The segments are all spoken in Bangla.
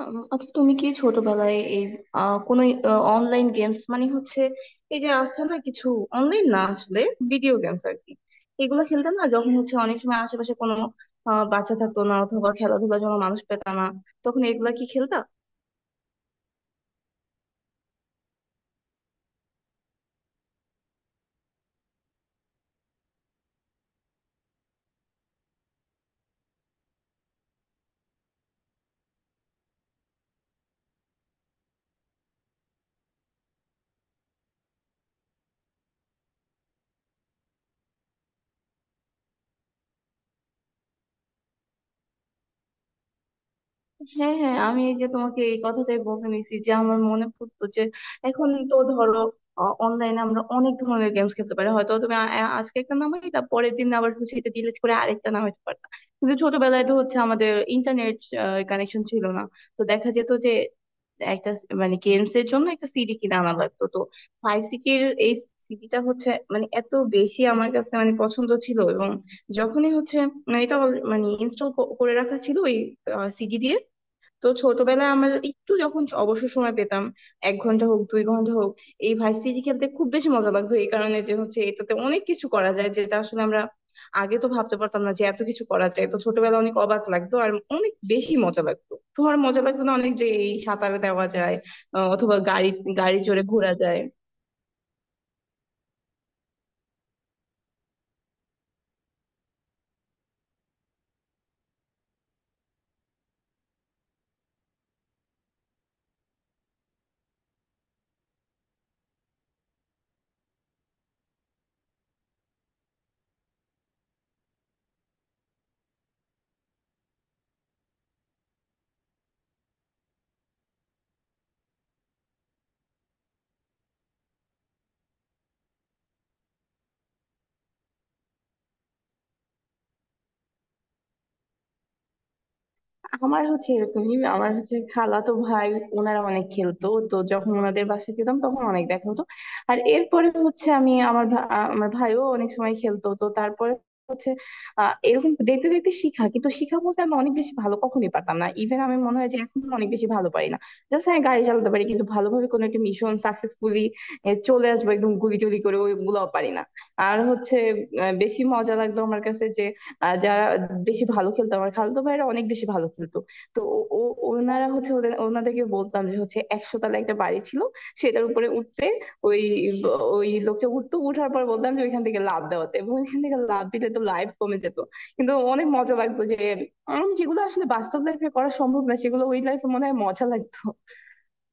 আচ্ছা তুমি কি ছোটবেলায় এই কোনো অনলাইন গেমস মানে হচ্ছে এই যে আছে না কিছু অনলাইন না আসলে ভিডিও গেমস আর কি এগুলো খেলতে না যখন হচ্ছে অনেক সময় আশেপাশে কোনো বাচ্চা থাকতো না অথবা খেলাধুলার জন্য মানুষ পেত না তখন এগুলা কি খেলতা? হ্যাঁ, হ্যাঁ, আমি এই যে তোমাকে এই কথাটাই বলতে নিছি যে আমার মনে পড়তো যে এখন তো ধরো অনলাইনে আমরা অনেক ধরনের গেমস খেলতে পারি, হয়তো তুমি আজকে একটা নামাইলা, পরের দিন আবার হচ্ছে এটা ডিলিট করে আরেকটা নামাইতে পারতা। কিন্তু ছোটবেলায় তো হচ্ছে আমাদের ইন্টারনেট কানেকশন ছিল না। তো দেখা যেত যে একটা মানে গেমস এর জন্য একটা সিডি কিনে আনা লাগতো, তো ফাইসিকের এই সিডিটা হচ্ছে মানে এত বেশি আমার কাছে মানে পছন্দ ছিল, এবং যখনই হচ্ছে মানে এটা মানে ইনস্টল করে রাখা ছিল ওই সিডি দিয়ে। তো ছোটবেলায় আমার একটু যখন অবসর সময় পেতাম, এক ঘন্টা হোক দুই ঘন্টা হোক, এই ভাইস সিটি খেলতে খুব বেশি মজা লাগতো এই কারণে যে হচ্ছে এটাতে অনেক কিছু করা যায়, যেটা আসলে আমরা আগে তো ভাবতে পারতাম না যে এত কিছু করা যায়। তো ছোটবেলায় অনেক অবাক লাগতো আর অনেক বেশি মজা লাগতো। তোমার মজা লাগতো না অনেক, যে এই সাঁতার দেওয়া যায় অথবা গাড়ি গাড়ি চড়ে ঘোরা যায়? আমার হচ্ছে এরকমই, আমার হচ্ছে খালাতো ভাই, ওনারা অনেক খেলতো তো যখন ওনাদের বাসায় যেতাম তখন অনেক দেখা হতো। আর এরপরে হচ্ছে আমি আমার আমার ভাইও অনেক সময় খেলতো তো তারপরে হচ্ছে এরকম দেখতে দেখতে শিখা, কিন্তু শিখা বলতে আমি অনেক বেশি ভালো কখনোই পারতাম না, ইভেন আমি মনে হয় যে এখন অনেক বেশি ভালো পারি না। জাস্ট হ্যাঁ গাড়ি চালাতে পারি, কিন্তু ভালোভাবে কোনো একটা মিশন সাকসেসফুলি চলে আসবো একদম গুলি টুলি করে ওইগুলোও পারি না। আর হচ্ছে বেশি মজা লাগতো আমার কাছে যে আর যারা বেশি ভালো খেলতো, আমার খালাতো ভাইয়েরা অনেক বেশি ভালো খেলতো, তো ও ও- ওনারা হচ্ছে ওনাদেরকে বলতাম যে হচ্ছে 100 তলা একটা বাড়ি ছিল সেটার উপরে উঠতে, ওই ওই লোকটা উঠতো, উঠার পর বলতাম যে ওইখান থেকে লাফ দেওয়াতে, এবং ওইখান থেকে লাফ দিলে তো লাইফ কমে যেত। কিন্তু অনেক মজা লাগতো যে যেগুলো আসলে বাস্তব লাইফে করা সম্ভব না, সেগুলো ওই লাইফে মনে হয় মজা লাগতো,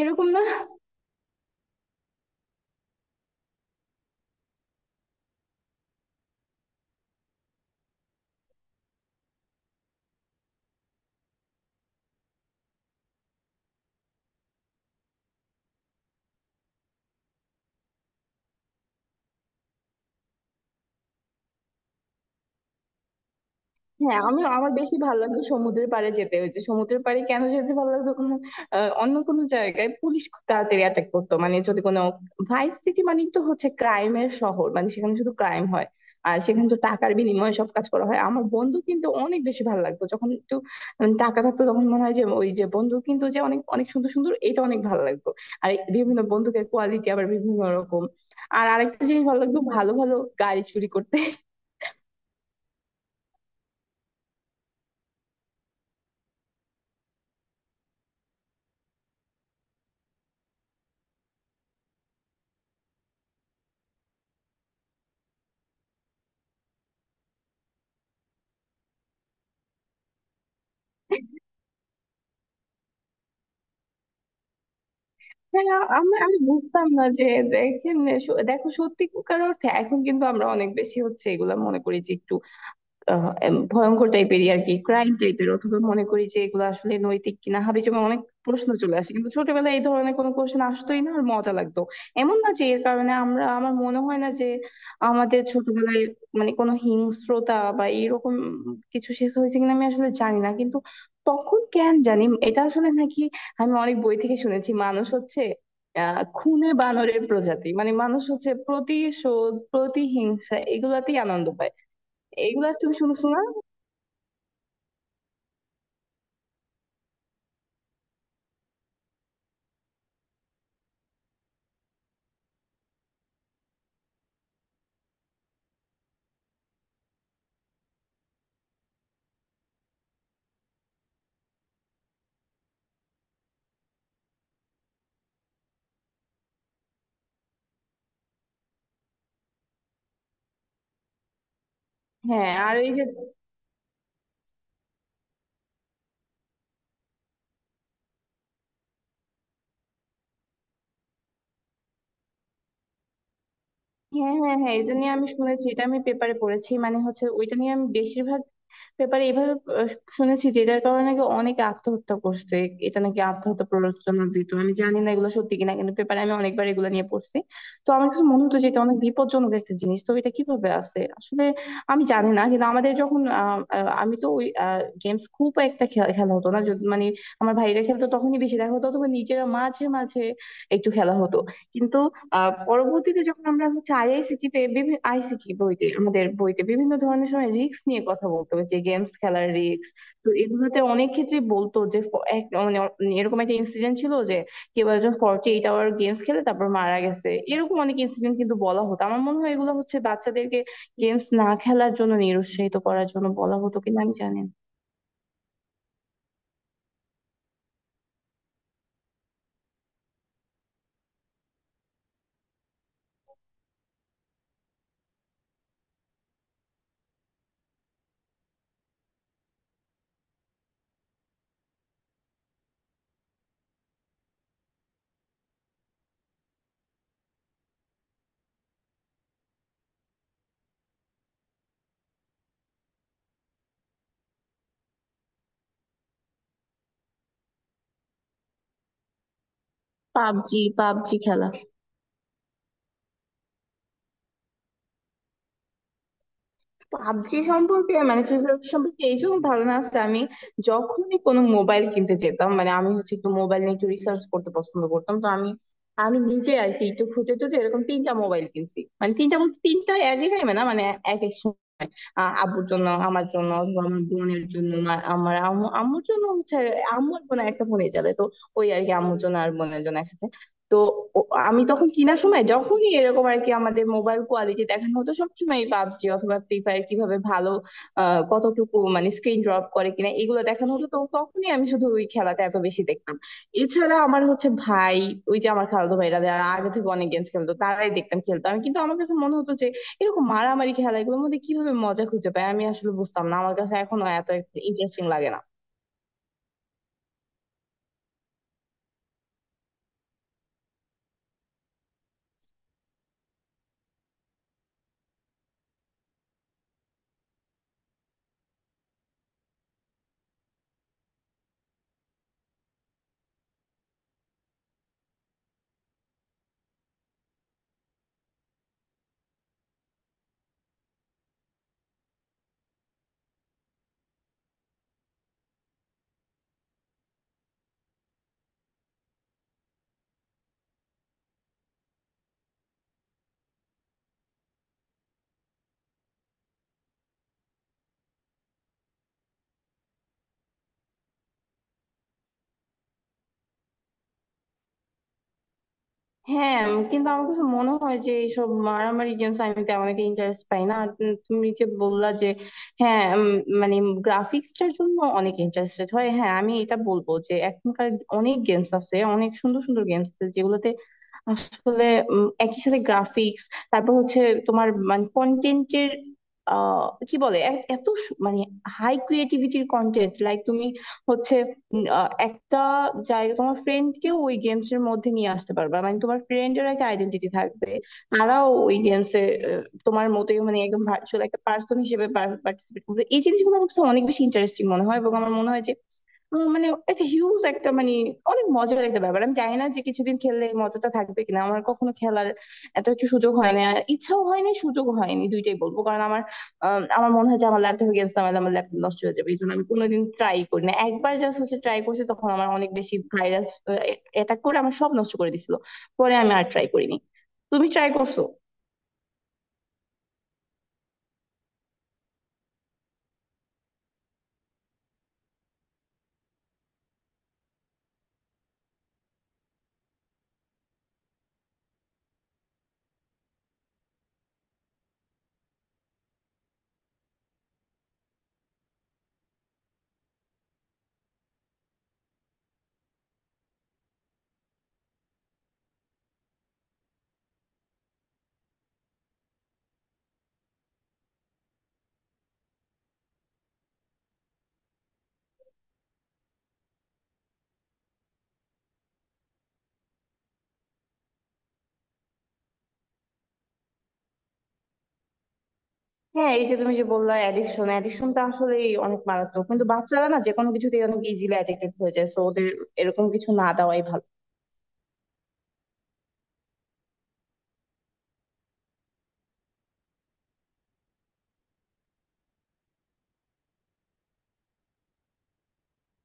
এরকম না? হ্যাঁ, আমি বেশি ভালো লাগতো সমুদ্রের পাড়ে যেতে, ওই যে সমুদ্রের পাড়ে কেন যেতে ভালো লাগতো, কোনো অন্য কোনো জায়গায় পুলিশ খুব তাড়াতাড়ি অ্যাটাক করতো, মানে যদি কোনো ভাইস সিটি মানে তো হচ্ছে ক্রাইমের শহর, মানে সেখানে শুধু ক্রাইম হয়, আর সেখানে তো টাকার বিনিময়ে সব কাজ করা হয়। আমার বন্ধু কিন্তু অনেক বেশি ভালো লাগতো যখন একটু টাকা থাকতো তখন মনে হয় যে ওই যে বন্ধু কিন্তু যে অনেক অনেক সুন্দর সুন্দর, এটা অনেক ভালো লাগতো। আর এই বিভিন্ন বন্ধুকের কোয়ালিটি আবার বিভিন্ন রকম। আর আরেকটা জিনিস ভালো লাগতো, ভালো ভালো গাড়ি চুরি করতে। হ্যাঁ, আমি বুঝতাম না যে দেখেন, দেখো সত্যিকার অর্থে এখন কিন্তু আমরা অনেক বেশি হচ্ছে এগুলা মনে করি যে একটু ভয়ঙ্কর টাইপেরই আর কি, ক্রাইম টাইপের, অথবা মনে করি যে এগুলো আসলে নৈতিক কিনা হাবিজাবি অনেক প্রশ্ন চলে আসে। কিন্তু ছোটবেলায় এই ধরনের কোনো কোশ্চেন আসতোই না আর মজা লাগতো। এমন না যে এর কারণে আমরা, আমার মনে হয় না যে আমাদের ছোটবেলায় মানে কোনো হিংস্রতা বা এরকম কিছু শেখা হয়েছে কিনা আমি আসলে জানি না, কিন্তু তখন কেন জানি এটা আসলে নাকি আমি অনেক বই থেকে শুনেছি মানুষ হচ্ছে খুনে বানরের প্রজাতি, মানে মানুষ হচ্ছে প্রতিশোধ, প্রতিহিংসা এগুলাতেই আনন্দ পায়। এগুলা তুমি শুনছো না? হ্যাঁ, আর এই যে হ্যাঁ, হ্যাঁ, হ্যাঁ, এটা নিয়ে আমি শুনেছি, এটা আমি পেপারে পড়েছি, মানে হচ্ছে ওইটা নিয়ে আমি বেশিরভাগ ব্যাপারে এভাবে আহ, শুনেছি যে এটার কারণে নাকি অনেকে আত্মহত্যা করছে, এটা নাকি আত্মহত্যা প্ররোচনা দিত। আমি জানি না এগুলো সত্যি কিনা, কিন্তু পেপারে আমি অনেকবার এগুলো নিয়ে পড়ছি। তো আমার কাছে মনে হতো যে এটা অনেক বিপজ্জনক একটা জিনিস, তো এটা কিভাবে আছে আসলে আমি জানি না। কিন্তু আমাদের যখন আহ, আহ, আমি তো ওই গেমস খুব একটা খেলা খেলা হতো না, মানে আমার ভাইরা খেলতো তখনই বেশি দেখা হতো, অথবা নিজেরা মাঝে মাঝে একটু খেলা হতো। কিন্তু পরবর্তীতে যখন আমরা হচ্ছে আইআইসিটি তে বিভিন্ন আইসিটি বইতে আমাদের বইতে বিভিন্ন ধরনের সময় রিস্ক নিয়ে কথা বলতো যে গেমস খেলার রিস্ক, তো এগুলোতে অনেক ক্ষেত্রে বলতো যে এরকম একটা ইনসিডেন্ট ছিল যে কেউ একজন 48 ঘণ্টা গেমস খেলে তারপর মারা গেছে, এরকম অনেক ইনসিডেন্ট কিন্তু বলা হতো। আমার মনে হয় এগুলো হচ্ছে বাচ্চাদেরকে গেমস না খেলার জন্য নিরুৎসাহিত করার জন্য বলা হতো কিনা আমি জানি না। পাবজি পাবজি খেলা? পাবজি সম্পর্কে মানে ফ্রি ফায়ার সম্পর্কে এই জন্য ধারণা আছে, আমি যখনই কোনো মোবাইল কিনতে যেতাম মানে আমি হচ্ছে একটু মোবাইল নিয়ে একটু রিসার্চ করতে পছন্দ করতাম, তো আমি আমি নিজে আর কি একটু খুঁজে টুজে এরকম তিনটা মোবাইল কিনছি, মানে তিনটা বলতে তিনটা এক জায়গায় না, মানে এক এক আব্বুর জন্য, আমার জন্য, অথবা আমার বোনের জন্য, আমার আম্মু, আম্মুর জন্য হচ্ছে আম্মুর বোন একটা ফোনই চলে, তো ওই আর কি আম্মুর জন্য আর বোনের জন্য একসাথে। তো আমি তখন কিনার সময় যখনই এরকম আর কি আমাদের মোবাইল কোয়ালিটি দেখানো হতো সবসময় পাবজি অথবা ফ্রি ফায়ার কিভাবে ভালো কতটুকু মানে স্ক্রিন ড্রপ করে কিনা এগুলো দেখানো হতো, তো তখনই আমি শুধু ওই খেলাতে এত বেশি দেখতাম। এছাড়া আমার হচ্ছে ভাই, ওই যে আমার খালাতো ভাইরা যারা আগে থেকে অনেক গেমস খেলতো তারাই দেখতাম খেলতো। আমি কিন্তু আমার কাছে মনে হতো যে এরকম মারামারি খেলা এগুলোর মধ্যে কিভাবে মজা খুঁজে পায় আমি আসলে বুঝতাম না, আমার কাছে এখনো এত ইন্টারেস্টিং লাগে না। হ্যাঁ, কিন্তু আমার কাছে মনে হয় যে এইসব মারামারি গেমস আমি তেমন একটা ইন্টারেস্ট পাই না। আর তুমি যে বললা যে হ্যাঁ মানে গ্রাফিক্সটার জন্য অনেক ইন্টারেস্টেড হয়, হ্যাঁ আমি এটা বলবো যে এখনকার অনেক গেমস আছে, অনেক সুন্দর সুন্দর গেমস আছে যেগুলোতে আসলে একই সাথে গ্রাফিক্স, তারপর হচ্ছে তোমার মানে কন্টেন্টের কি বলে মানে হাই ক্রিয়েটিভিটির কন্টেন্ট, লাইক তুমি হচ্ছে একটা জায়গা তোমার ফ্রেন্ডকেও ওই গেমস এর মধ্যে নিয়ে আসতে পারবে, মানে তোমার ফ্রেন্ডের একটা আইডেন্টিটি থাকবে, তারাও ওই গেমসে তোমার মতোই মানে একদম ভার্চুয়াল একটা পার্সন হিসেবে পার্টিসিপেট করবে। এই জিনিসগুলো আমার কাছে অনেক বেশি ইন্টারেস্টিং মনে হয়, এবং আমার মনে হয় যে উম মানে একটা হিউজ একটা মানে অনেক মজার একটা ব্যাপার। আমি জানি না যে কিছুদিন খেললে এই মজাটা থাকবে কিনা, আমার কখনো খেলার এত একটা সুযোগ হয়নি আর ইচ্ছাও হয়নি, সুযোগ হয়নি দুইটাই বলবো কারণ আমার আমার মনে হয় যে আমার ল্যাপটপে গেমস নামালে আমার ল্যাপটপ নষ্ট হয়ে যাবে, এই জন্য আমি কোনোদিন ট্রাই করি না। একবার জাস্ট হচ্ছে ট্রাই করছি তখন আমার অনেক বেশি ভাইরাস অ্যাটাক করে আমার সব নষ্ট করে দিছিল, পরে আমি আর ট্রাই করিনি। তুমি ট্রাই করছো? হ্যাঁ, এই যে তুমি যে বললা অ্যাডিকশন, অ্যাডিকশনটা আসলে অনেক মারাত্মক, কিন্তু বাচ্চারা না যে কোনো কিছুতে অনেক ইজিলি অ্যাডিক্টেড হয়ে যায়, তো ওদের এরকম কিছু না দেওয়াই ভালো।